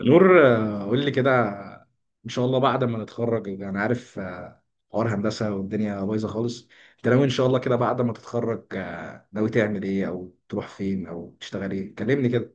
نور، قول لي كده. ان شاء الله بعد ما نتخرج انا يعني عارف، حوار هندسه والدنيا بايظه خالص. انت ناوي ان شاء الله كده بعد ما تتخرج، ناوي تعمل ايه او تروح فين او تشتغل ايه؟ كلمني كده.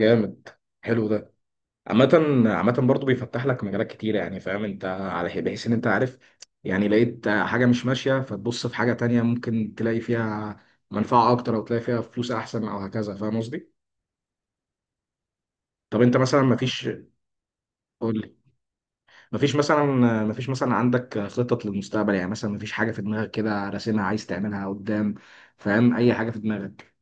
جامد. حلو ده. عامة، عامة برضه بيفتح لك مجالات كتير، يعني فاهم انت على بحيث ان انت عارف. يعني لقيت حاجة مش ماشية، فتبص في حاجة تانية ممكن تلاقي فيها منفعة أكتر أو تلاقي فيها فلوس أحسن أو هكذا، فاهم قصدي؟ طب أنت مثلا مفيش مثلا مفيش مثلا عندك خطط للمستقبل؟ يعني مثلا مفيش حاجة في دماغك كده راسمها عايز تعملها قدام؟ فاهم أي حاجة في دماغك؟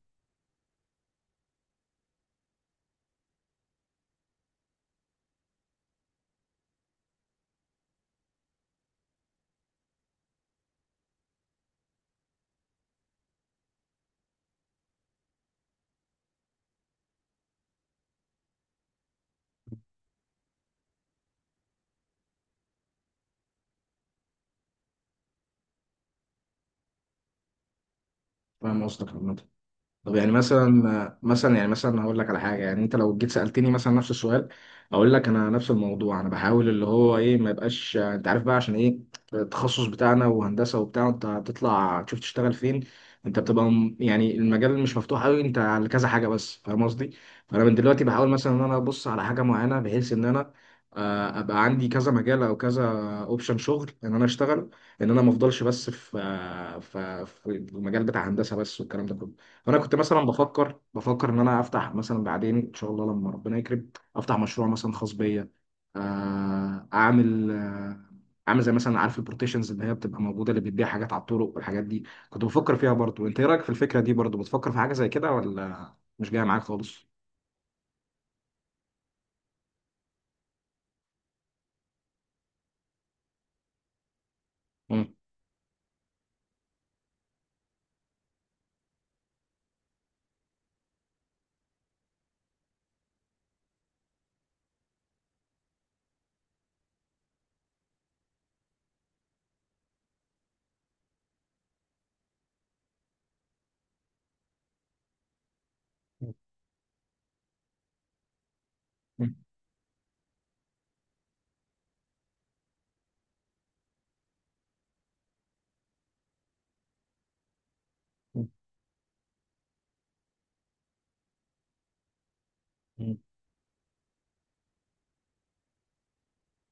فاهم قصدك، عامة. طب يعني مثلا هقول لك على حاجه. يعني انت لو جيت سالتني مثلا نفس السؤال، اقول لك انا نفس الموضوع، انا بحاول اللي هو ايه ما يبقاش، انت عارف بقى عشان ايه، التخصص بتاعنا وهندسه وبتاع، انت هتطلع تشوف تشتغل فين. انت بتبقى يعني المجال مش مفتوح قوي، انت على كذا حاجه بس، فاهم قصدي. فانا من دلوقتي بحاول مثلا ان انا ابص على حاجه معينه بحيث ان انا، ابقى عندي كذا مجال او كذا اوبشن شغل ان انا اشتغل، ان انا ما افضلش بس في آه، في في المجال بتاع هندسه بس والكلام ده كله. انا كنت مثلا بفكر ان انا افتح مثلا بعدين ان شاء الله لما ربنا يكرم، افتح مشروع مثلا خاص بيا. آه، اعمل آه، اعمل زي مثلا، عارف البروتيشنز اللي هي بتبقى موجوده اللي بتبيع حاجات على الطرق والحاجات دي. كنت بفكر فيها برضو. انت ايه رايك في الفكره دي؟ برضو بتفكر في حاجه زي كده ولا مش جايه معاك خالص؟ مم.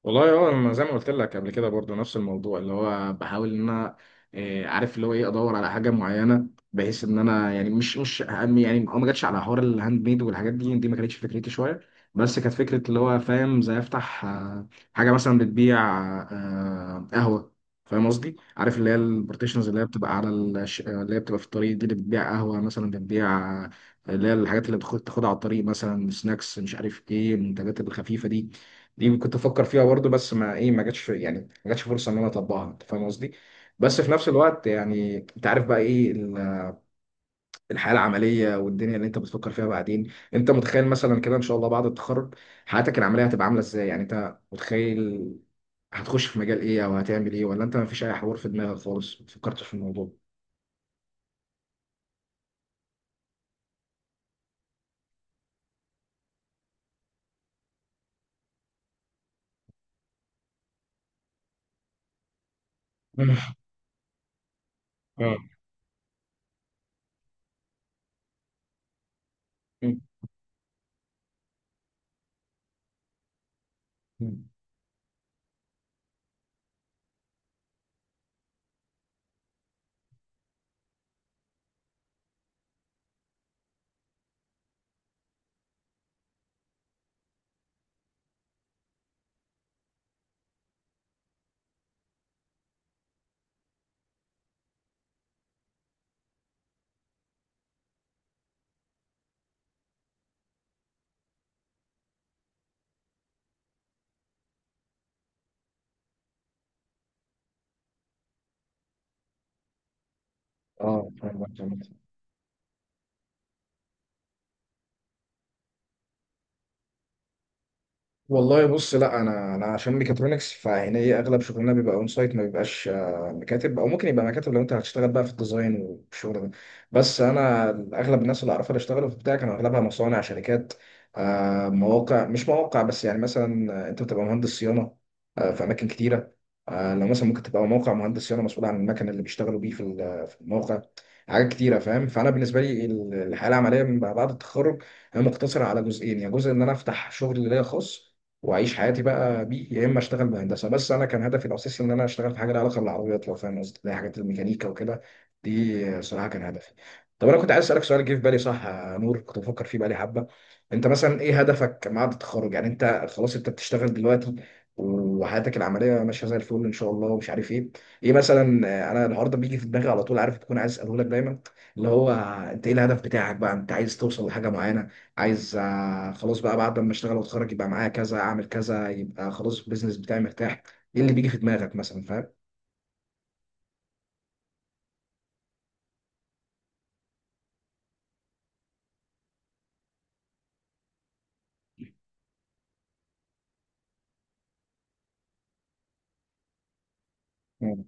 والله هو انا زي ما قلت لك قبل كده برضو نفس الموضوع، اللي هو بحاول ان انا، عارف اللي هو ايه، ادور على حاجه معينه بحيث ان انا، يعني مش مش أهم- يعني ما جاتش على حوار الهاند ميد والحاجات دي ما كانتش فكرتي شويه. بس كانت فكره، اللي هو فاهم، زي افتح، حاجه مثلا بتبيع قهوه. فاهم قصدي؟ عارف اللي هي البارتيشنز اللي هي بتبقى في الطريق، دي اللي بتبيع قهوه مثلا بتبيع، آه، اللي هي الحاجات اللي بتاخدها على الطريق، مثلا سناكس مش عارف ايه، المنتجات الخفيفه دي. دي كنت افكر فيها برضو، بس ما ايه ما جاتش يعني ما جاتش فرصه ان انا اطبقها، انت فاهم قصدي. بس في نفس الوقت، يعني انت عارف بقى ايه الحياه العمليه والدنيا اللي انت بتفكر فيها بعدين. انت متخيل مثلا كده ان شاء الله بعد التخرج حياتك العمليه هتبقى عامله ازاي؟ يعني انت متخيل هتخش في مجال ايه او هتعمل ايه؟ ولا انت ما فيش اي حوار في دماغك خالص، ما فكرتش في الموضوع؟ مم. مم. مم. اه، فاهم. والله بص، لا، انا عشان ميكاترونكس، فهنا هي اغلب شغلنا بيبقى اون سايت، ما بيبقاش مكاتب، او ممكن يبقى مكاتب لو انت هتشتغل بقى في الديزاين والشغل ده. بس انا اغلب الناس اللي اعرفها اللي اشتغلوا في بتاع كانوا اغلبها مصانع، شركات، مواقع. مش مواقع بس، يعني مثلا انت بتبقى مهندس صيانه في اماكن كتيره. لو مثلا ممكن تبقى موقع مهندس صيانه مسؤول عن المكن اللي بيشتغلوا بيه في الموقع. حاجات كتيره فاهم. فانا بالنسبه لي الحياه العمليه من بعد التخرج هي مقتصره على جزئين: يا جزء ان انا افتح شغل ليا خاص واعيش حياتي بقى بيه، يا اما اشتغل بهندسه بس. انا كان هدفي الاساسي ان انا اشتغل في حاجه لها علاقه بالعربيات، لو فاهم قصدي، اللي هي حاجات الميكانيكا وكده. دي صراحه كان هدفي. طب انا كنت عايز اسالك سؤال جه في بالي، صح يا نور، كنت بفكر فيه بقالي حبه. انت مثلا ايه هدفك بعد التخرج؟ يعني انت خلاص، انت بتشتغل دلوقتي وحياتك العمليه ماشيه زي الفل ان شاء الله ومش عارف ايه، ايه مثلا، انا النهارده بيجي في دماغي على طول، عارف، تكون عايز اساله لك دايما، اللي هو انت ايه الهدف بتاعك بقى؟ انت عايز توصل لحاجه معينه؟ عايز خلاص بقى بعد ما اشتغل واتخرج يبقى معايا كذا، اعمل كذا، يبقى خلاص البيزنس بتاعي مرتاح؟ ايه اللي بيجي في دماغك مثلا فاهم؟ مم.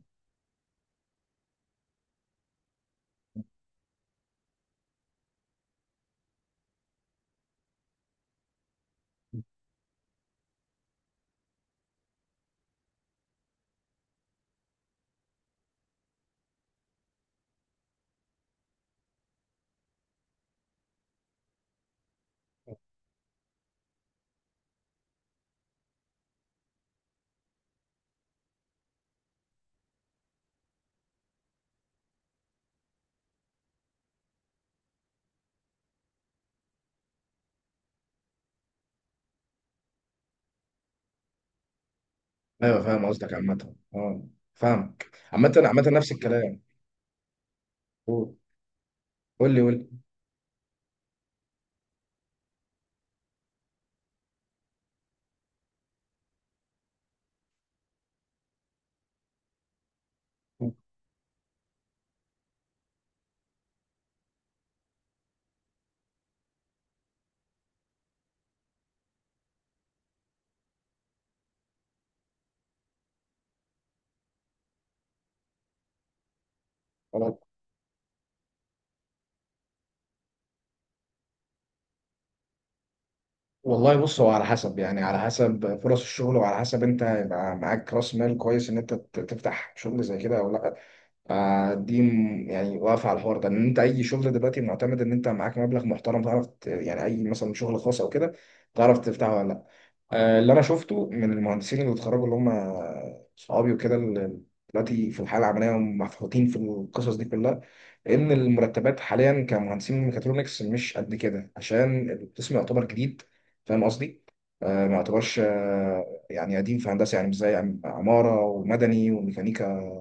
ايوه، فاهم قصدك، عامة، اه. فاهمك، عامة، عامة نفس الكلام. قول قول لي قول لي. مم. خلاص. والله بص، هو على حسب، يعني على حسب فرص الشغل وعلى حسب انت يبقى معاك راس مال كويس، ان انت تفتح شغل زي كده او لا. دي يعني واقفه على الحوار ده، ان انت اي شغل دلوقتي معتمد ان انت معاك مبلغ محترم تعرف يعني اي مثلا شغل خاص او كده تعرف تفتحه ولا لا. اللي انا شفته من المهندسين اللي اتخرجوا اللي هم صحابي وكده، اللي دلوقتي في الحاله العمليه ومفحوطين في القصص دي كلها، ان المرتبات حاليا كمهندسين ميكاترونكس مش قد كده عشان القسم يعتبر جديد. فاهم قصدي؟ ما يعتبرش يعني قديم في هندسه، يعني مش زي عماره ومدني وميكانيكا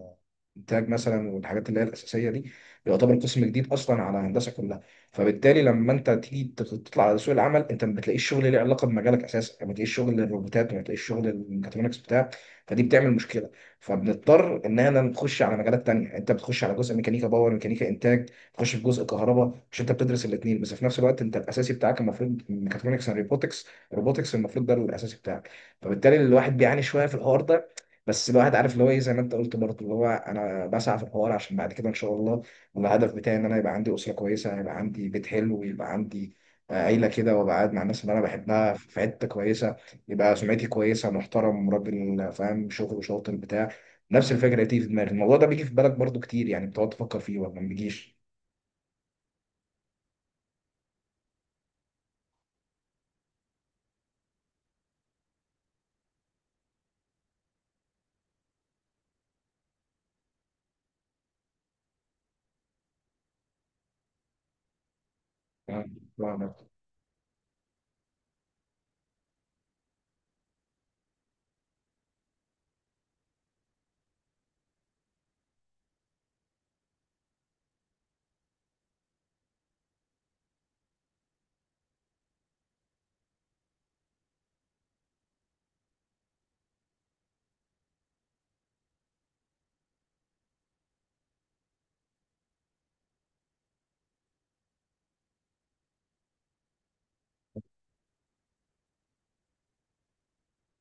انتاج مثلا، والحاجات اللي هي الاساسيه دي. يعتبر قسم جديد اصلا على هندسه كلها. فبالتالي لما انت تيجي تطلع على سوق العمل، انت ما بتلاقيش شغل ليه علاقه بمجالك اساسا، ما بتلاقيش شغل للروبوتات، ما بتلاقيش شغل للميكاترونكس بتاع. فدي بتعمل مشكله. فبنضطر ان احنا نخش على مجالات تانية، يعني انت بتخش على جزء ميكانيكا باور، ميكانيكا انتاج، تخش في جزء كهرباء. مش انت بتدرس الاثنين بس في نفس الوقت، انت الاساسي بتاعك المفروض ميكاترونكس اند روبوتكس. روبوتكس المفروض ده الاساسي بتاعك. فبالتالي الواحد بيعاني شويه في الحوار ده. بس الواحد عارف اللي هو ايه، زي ما انت قلت برضه، اللي هو انا بسعى في الحوار عشان بعد كده ان شاء الله، الهدف بتاعي ان انا يبقى عندي اسره كويسه، يبقى عندي بيت حلو، ويبقى عندي عيله كده، وابقى قاعد مع الناس اللي انا بحبها في حته كويسه. يبقى سمعتي كويسه، محترم، راجل فاهم شغل، شاطر بتاع. نفس الفكره دي في دماغي، الموضوع ده بيجي في بالك برضو كتير؟ يعني بتقعد تفكر فيه ولا ما بيجيش؟ آه، آه، آه.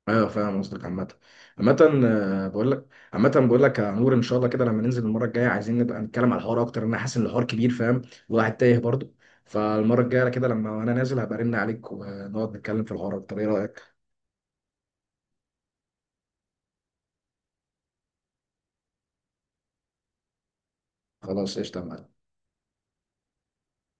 ايوه، فاهم قصدك، عامة. عامة بقول لك. عامة بقول لك يا نور، ان شاء الله كده لما ننزل المرة الجاية عايزين نبقى نتكلم على الحوار اكتر، لأن انا حاسس ان الحوار كبير فاهم. والواحد تايه برضه. فالمرة الجاية كده لما انا نازل هبقى ارن عليك ونقعد نتكلم في الحوار اكتر، ايه رأيك؟ خلاص، قشطة يا معلم.